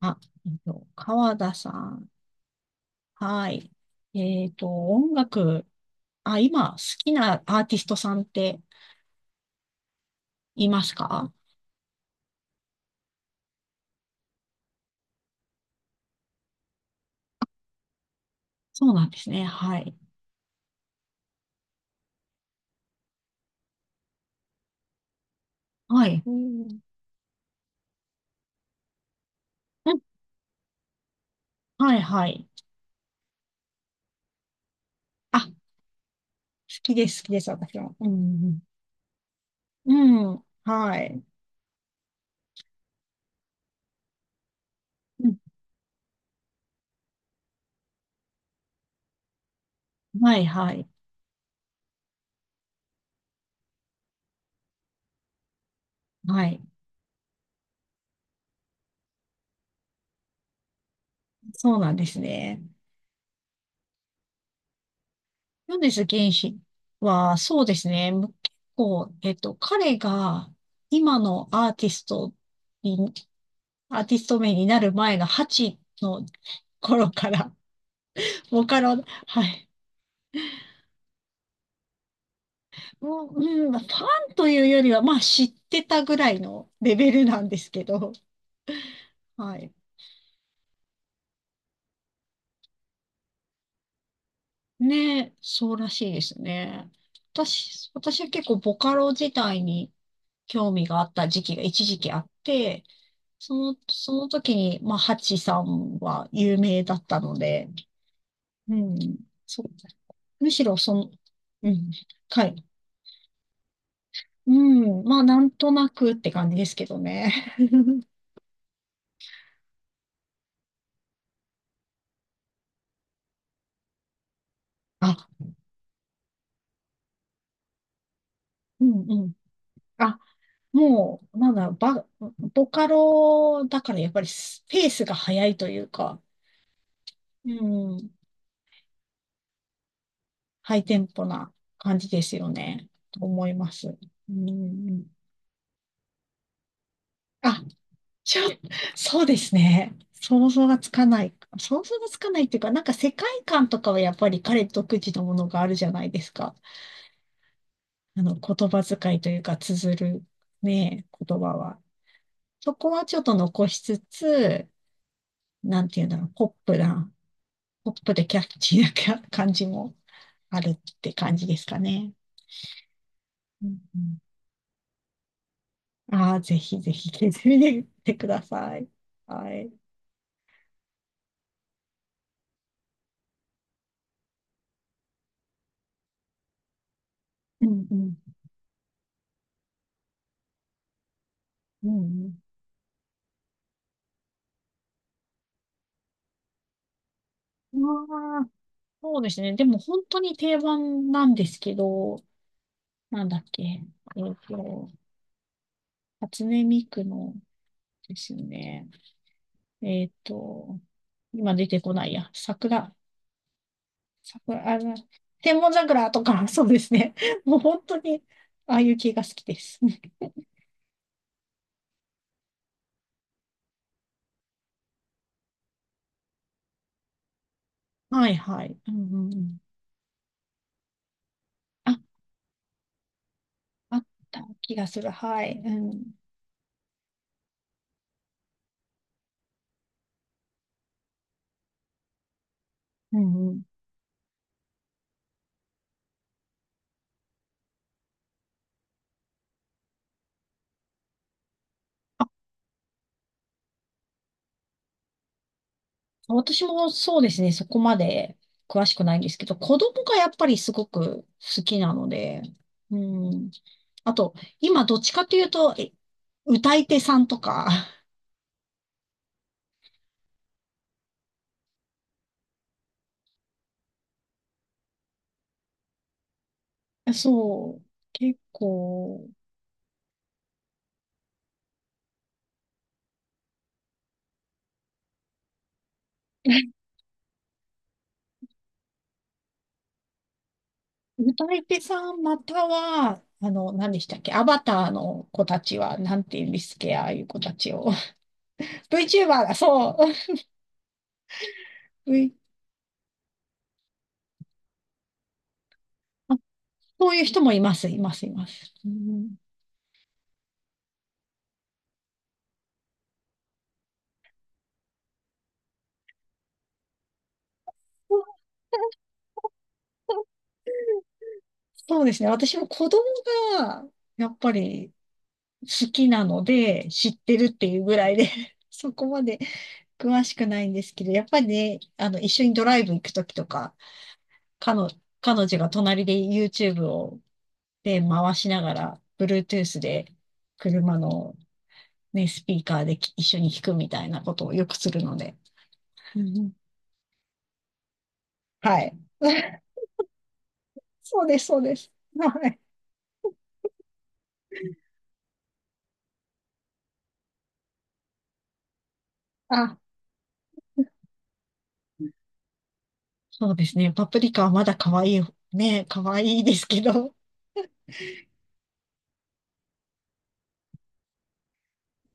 あ、川田さん。はい。音楽、あ、今、好きなアーティストさんっていますか？そうなんですね。はい。はい。うん。うん。はい、はい。あ、好きです、好きです、私は。うん、うん。うん、はい。うん、はい、はい。はい。そうなんですね。米津玄師は、そうですね。結構、彼が今のにアーティスト名になる前の8の頃から、ボカロ、はい。もう、うん、ファンというよりは、まあ知ってたぐらいのレベルなんですけど、はい。ねえ、そうらしいですね。私は結構ボカロ自体に興味があった時期が一時期あって、その時に、まあ、ハチさんは有名だったので、うん、そう。むしろその、うん、はい。うん。まあ、なんとなくって感じですけどね。あ、うんうん。あ、もう、なんだろう、ボカロだからやっぱりスペースが早いというか、うん、ハイテンポな感じですよね、と思います。うん、あ、ちょ、そうですね。想像がつかない。想像がつかないっていうか、なんか世界観とかはやっぱり彼独自のものがあるじゃないですか。あの、言葉遣いというか、綴るね、言葉は。そこはちょっと残しつつ、なんていうんだろう、ポップな、ポップでキャッチーな感じもあるって感じですかね。うんうん、ああ、ぜひぜひ聞いてみてください。はい。うんうん。うんうん。ああ、そうですね。でも本当に定番なんですけど、なんだっけ。っと、初音ミクのですね。えっと、今出てこないや。桜、桜、あの、天文桜とか、そうですね。もう本当に、ああいう系が好きです。はいはい。うんうんうん。あ、あった気がする。はい。うん。うんうん。あ、私もそうですね。そこまで詳しくないんですけど、子供がやっぱりすごく好きなので、うん。あと、今どっちかというと、歌い手さんとか、そう、結構、歌い手さんまたは、あの、何でしたっけ、アバターの子たちは、なんて言うんですっけ、ああいう子たちを。VTuber だ、そう。V あ、そういう人もいます、います、います。うん、そうですね。私も子供が、やっぱり好きなので、知ってるっていうぐらいで、 そこまで詳しくないんですけど、やっぱりね、あの、一緒にドライブ行くときとか、彼女、彼女が隣で YouTube を回しながら、Bluetooth で車のね、スピーカーで一緒に弾くみたいなことをよくするので。うん、はい。そうです、そうです。はい。あ、そうですね。パプリカはまだ可愛い、ね、可愛いですけど、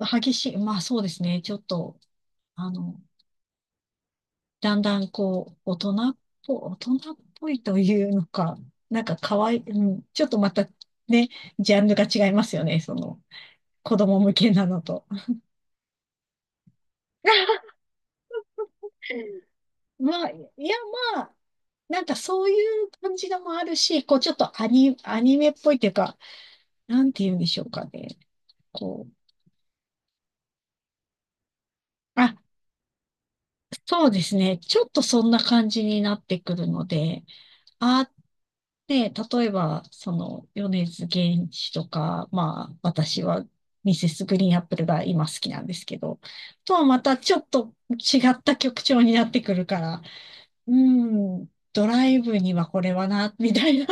激しい。まあそうですね。ちょっと、あの、だんだんこう、大人っぽいというのか、なんか可愛い、うん、ちょっとまたね、ジャンルが違いますよね。その、子供向けなのと。まあ、いや、まあ、なんかそういう感じのもあるし、こう、ちょっとアニメっぽいっていうか、なんて言うんでしょうかね。こう、あ、そうですね。ちょっとそんな感じになってくるので、あ、ね、例えば、その、米津玄師とか、まあ、私は、ミセスグリーンアップルが今好きなんですけど、とはまたちょっと違った曲調になってくるから、うん、ドライブにはこれはな、みたいな。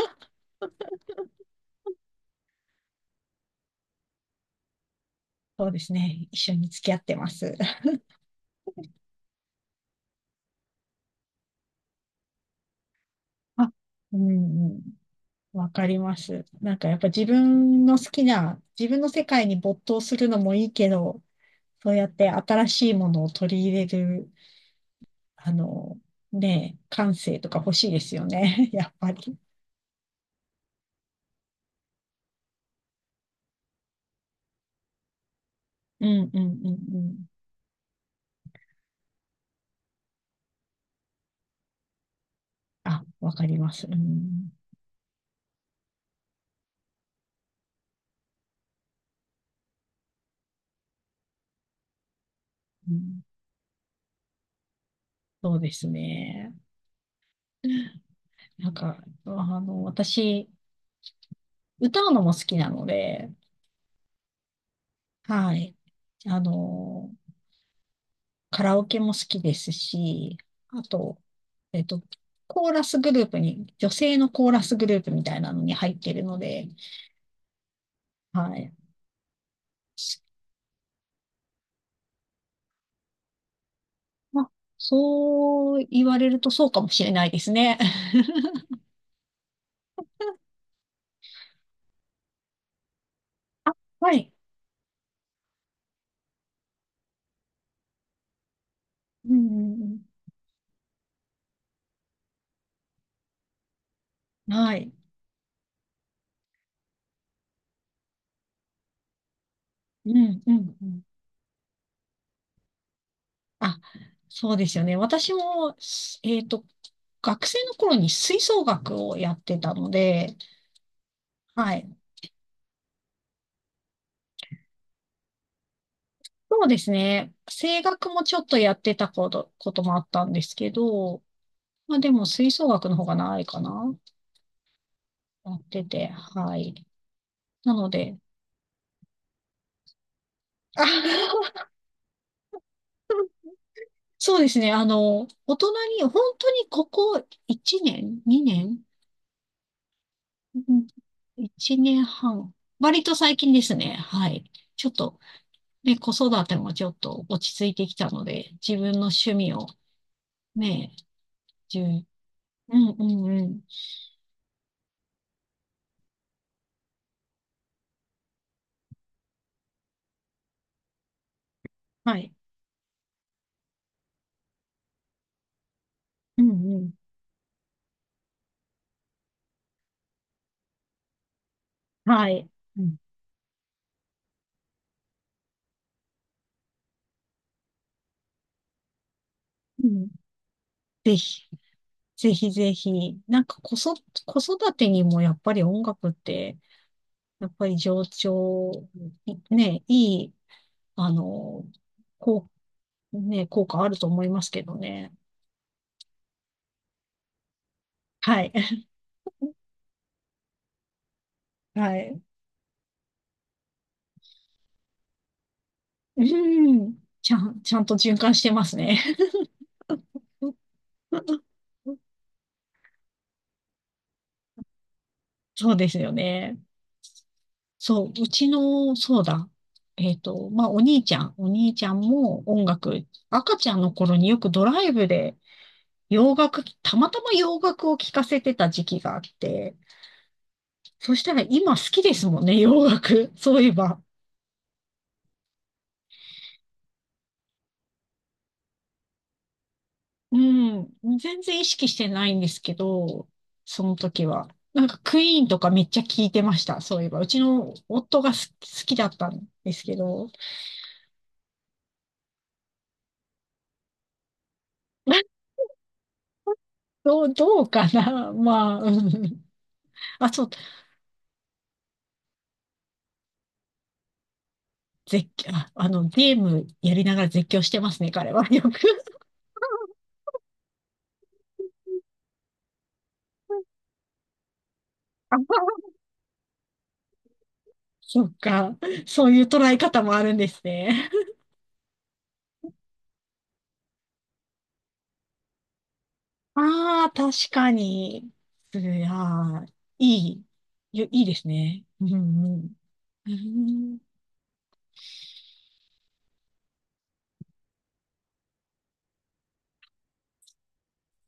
そうですね。一緒に付き合ってます。あ、うんうん。わかります。なんかやっぱ自分の好きな、自分の世界に没頭するのもいいけど、そうやって新しいものを取り入れる、あの、ねえ、感性とか欲しいですよね。やっぱり。うんうんうんうん。あ、わかります。うん、うん。そうですね。なんか、あの、私、歌うのも好きなので、はい。あの、カラオケも好きですし、あと、えっと、コーラスグループに、女性のコーラスグループみたいなのに入っているので、はい。まあ、そう言われるとそうかもしれないですね。あ、はい。うんうんうん。はい。うんうんうん。あ、そうですよね。私も、すえっと、学生の頃に吹奏楽をやってたので、はい。そうですね。声楽もちょっとやってたこともあったんですけど、まあでも吹奏楽の方が長いかな。やってて、はい。なので、あ。 そうですね。あの、大人に、本当にここ1年？ 2 年、うん、1年半。割と最近ですね。はい。ちょっと、ね、子育てもちょっと落ち着いてきたので、自分の趣味を、ね、じゅう、うんうんうん。はい。うんうん。はい。うんうん。ぜひ、ぜひぜひ。なんか子育てにもやっぱり音楽って、やっぱり情緒、いい、あの、こう、ね、効果あると思いますけどね。はい。はい。うん。ちゃんと循環してますね。そうですよね。そう、うちの、そうだ。まあ、お兄ちゃんも音楽、赤ちゃんの頃によくドライブでたまたま洋楽を聴かせてた時期があって、そしたら今好きですもんね、洋楽。そういえば。うん。全然意識してないんですけど、その時は。なんかクイーンとかめっちゃ聴いてました、そういえば。うちの夫が好きだったんですけど。どうかな。 まあ、うん。あ、そう、絶叫、あ、あの、ゲームやりながら絶叫してますね、彼は。よく。あ、そっか。そういう捉え方もあるんですね。ああ、確かに。すいー、いい。いいですね。うんうん。うん、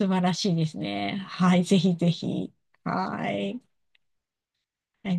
素晴らしいですね。はい、ぜひぜひ。はい。はい。